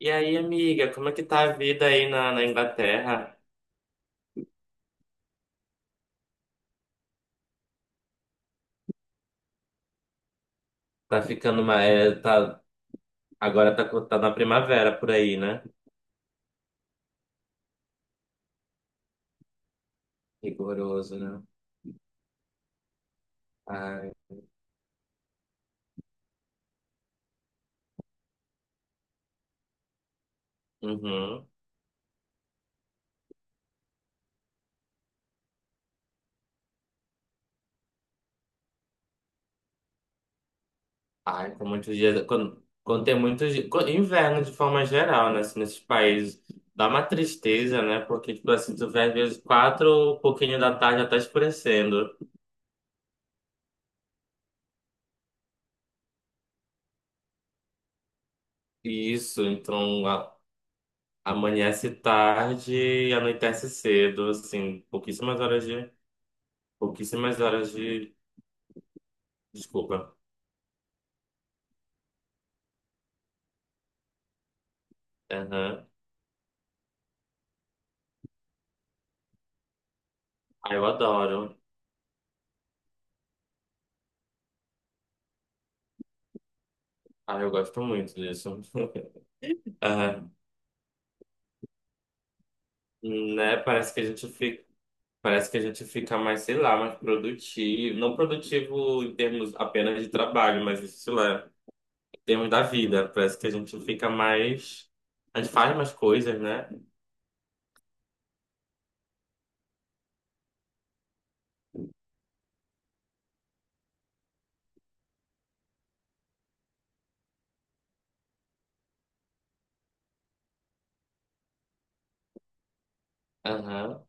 E aí, amiga, como é que tá a vida aí na Inglaterra? Tá ficando uma, é, tá, agora tá, tá na primavera por aí, né? Rigoroso, né? Ai, uhum. Ai, com muitos dias, quando tem muitos dias, inverno de forma geral, né? Assim, nesses países, dá uma tristeza, né? Porque, tipo assim, tu vê às vezes quatro, pouquinho da tarde já tá escurecendo. Isso, então amanhece tarde e anoitece cedo, assim, pouquíssimas horas de pouquíssimas horas de Desculpa. Aham. Ah, eu adoro. Ah, eu gosto muito disso. Aham. Né? Parece que a gente fica mais, sei lá, mais produtivo. Não produtivo em termos apenas de trabalho, mas sei lá, em termos da vida. Parece que a gente fica mais. A gente faz mais coisas, né? Aham.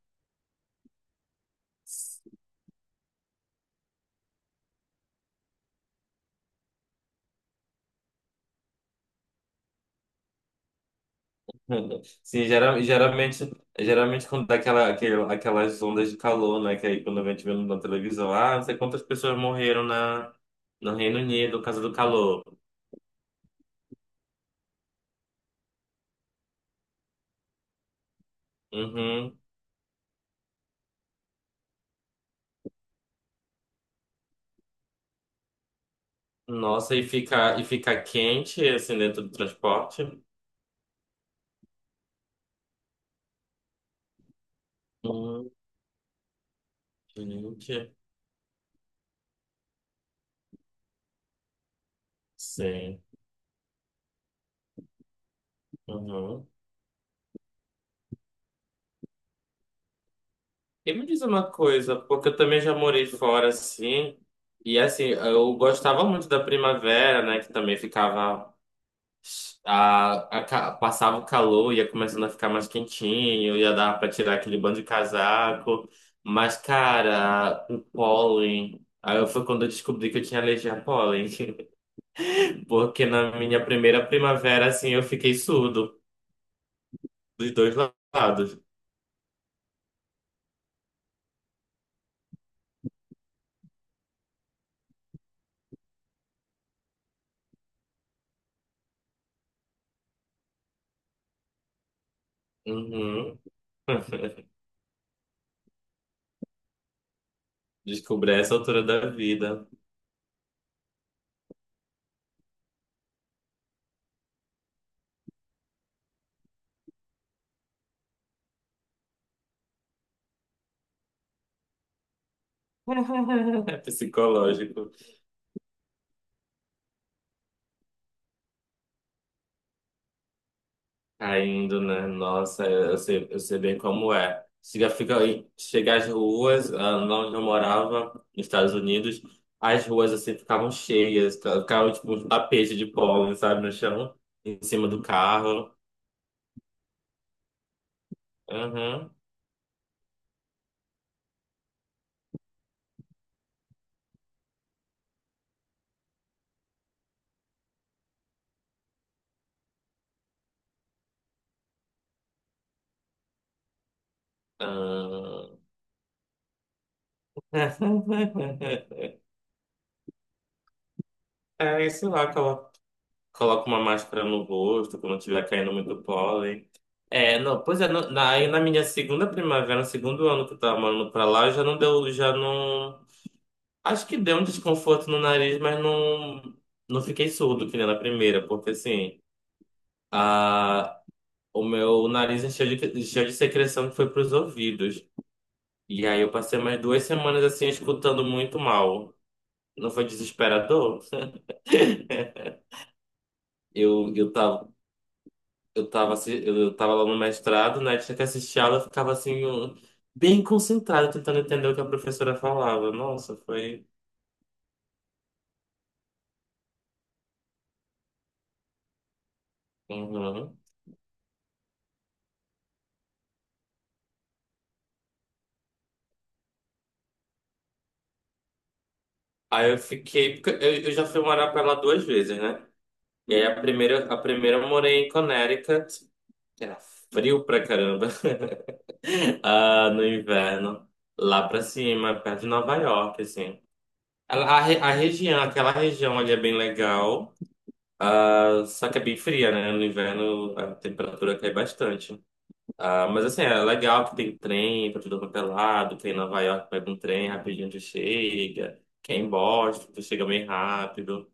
Sim, geralmente, geralmente quando dá aquelas ondas de calor, né? Que aí quando a gente vê na televisão, ah, não sei quantas pessoas morreram no Reino Unido por causa do calor. Uhum. Nossa, e fica quente assim dentro do transporte? Hum, gente. Sim. Uhum. E me diz uma coisa, porque eu também já morei fora assim. E assim, eu gostava muito da primavera, né? Que também ficava. Passava o calor, ia começando a ficar mais quentinho, ia dar pra tirar aquele bando de casaco. Mas, cara, o pólen. Aí foi quando eu descobri que eu tinha alergia a pólen. Porque na minha primeira primavera, assim, eu fiquei surdo dos dois lados. Uhum. Descobri essa altura da vida. É psicológico. Caindo, né? Nossa, eu sei bem como é. Chega às ruas, ah, lá onde eu morava, nos Estados Unidos, as ruas assim ficavam cheias, ficavam tipo um tapete de pólen, sabe, no chão, em cima do carro. Uhum. Ah. É, sei lá, coloca uma máscara no rosto quando tiver caindo muito pólen. É, não, pois é, aí na minha segunda primavera, no segundo ano que eu tava morando pra lá, já não deu, já não. Acho que deu um desconforto no nariz, mas não, não fiquei surdo que nem na primeira, porque assim, a, o meu nariz encheu de secreção que foi pros ouvidos. E aí eu passei mais duas semanas assim, escutando muito mal. Não foi desesperador? Eu, eu tava eu tava lá no mestrado, né? Tinha que assistir aula, eu ficava assim, eu- bem concentrado, tentando entender o que a professora falava. Nossa, foi. Uhum. Aí eu fiquei. Porque eu já fui morar pra lá duas vezes, né? E aí a primeira eu morei em Connecticut, que era frio pra caramba, ah, no inverno, lá pra cima, perto de Nova York, assim. A região, aquela região ali é bem legal. Ah, só que é bem fria, né? No inverno a temperatura cai bastante. Ah, mas assim, é legal que tem trem pra tudo quanto é lado. Quem em Nova York pega um trem rapidinho já chega. Quem em Boston tu chega bem rápido.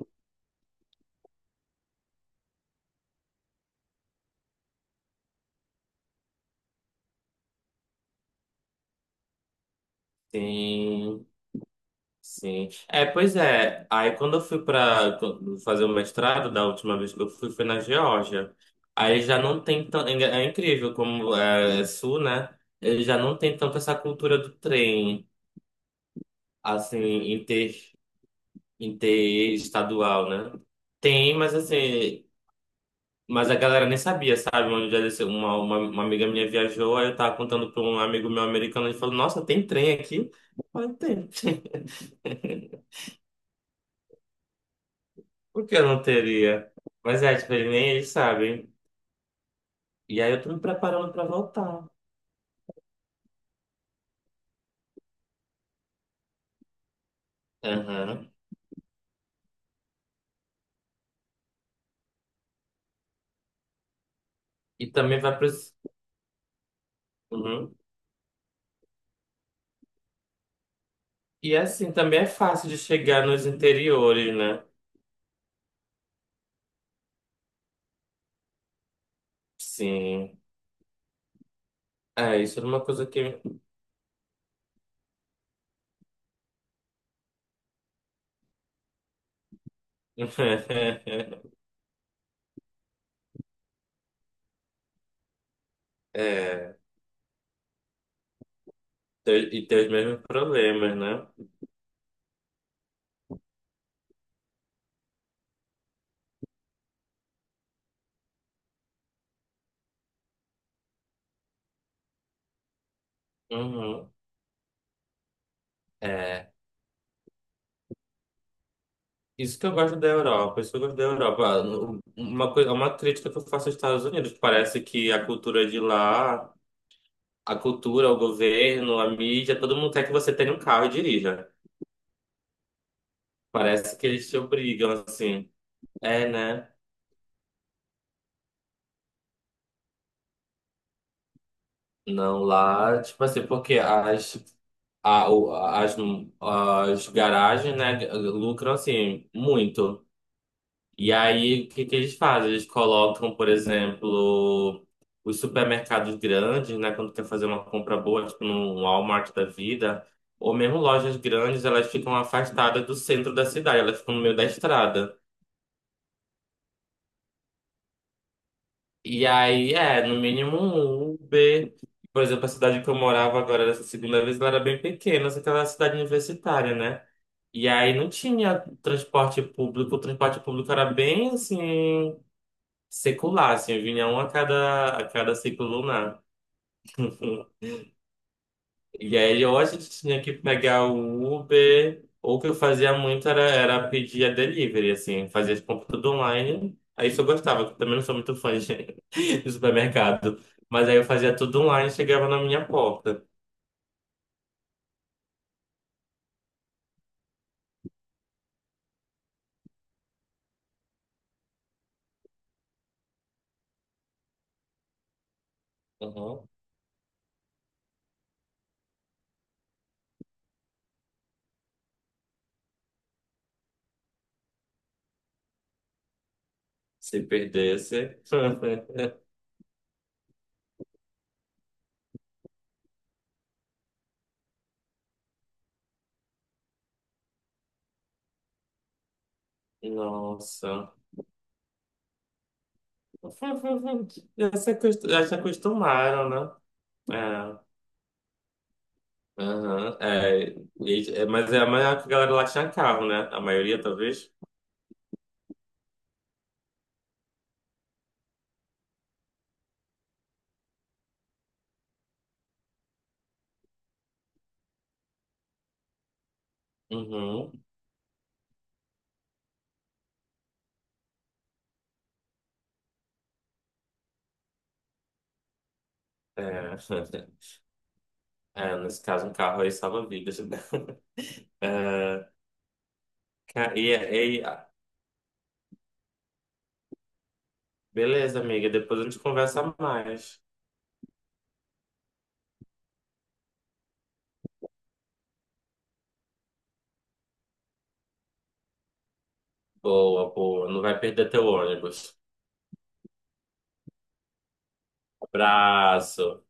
Sim, sim. É, pois é. Aí quando eu fui pra fazer o mestrado, da última vez que eu fui, foi na Geórgia. Aí já não tem tão. É é incrível como é, é sul, né? Ele já não tem tanto essa cultura do trem, assim, em ter. Interestadual, né? Tem, mas assim, mas a galera nem sabia, sabe? Uma, vez Uma amiga minha viajou, aí eu tava contando pra um amigo meu americano, ele falou, nossa, tem trem aqui? Eu falei, tem. Por que eu não teria? Mas é, tipo, ele nem eles sabem. E aí eu tô me preparando pra voltar. Aham. E também vai pro... Uhum. E assim, também é fácil de chegar nos interiores, né? Sim. É, isso era uma coisa que... É. E ter os mesmos problemas, né? Uhum. É. Isso que eu gosto da Europa, isso que eu gosto da Europa. Ah, uma coisa, uma crítica que eu faço aos Estados Unidos, parece que a cultura de lá, a cultura, o governo, a mídia, todo mundo quer que você tenha um carro e dirija. Parece que eles te obrigam, assim. É, né? Não, lá, tipo assim, porque as, a, o- as garagens, né, lucram, assim, muito. E aí, o que que eles fazem? Eles colocam, por exemplo, os supermercados grandes, né? Quando quer fazer uma compra boa, tipo no Walmart da vida, ou mesmo lojas grandes, elas ficam afastadas do centro da cidade, elas ficam no meio da estrada. E aí, é, no mínimo um Uber. Por exemplo, a cidade que eu morava agora, dessa segunda vez, ela era bem pequena, só que ela era cidade universitária, né? E aí não tinha transporte público, o transporte público era bem assim. Secular, assim, vinha um a cada ciclo lunar. E aí, ou a gente tinha que pegar o Uber, ou o que eu fazia muito era, era pedir a delivery, assim, fazia as compras tudo online. Aí isso eu gostava, porque eu também não sou muito fã de, de supermercado. Mas aí eu fazia tudo online e chegava na minha porta. Uhum. Se perdesse. Nossa. Já se acostumaram, né? É. Aham, é, mas é a maior que a galera lá tinha carro, né? A maioria, talvez. Uhum. É, é, nesse caso, um carro aí salva vidas. Né? É, ca- e, e, beleza, amiga. Depois a gente conversa mais. Boa. Não vai perder teu ônibus. Abraço.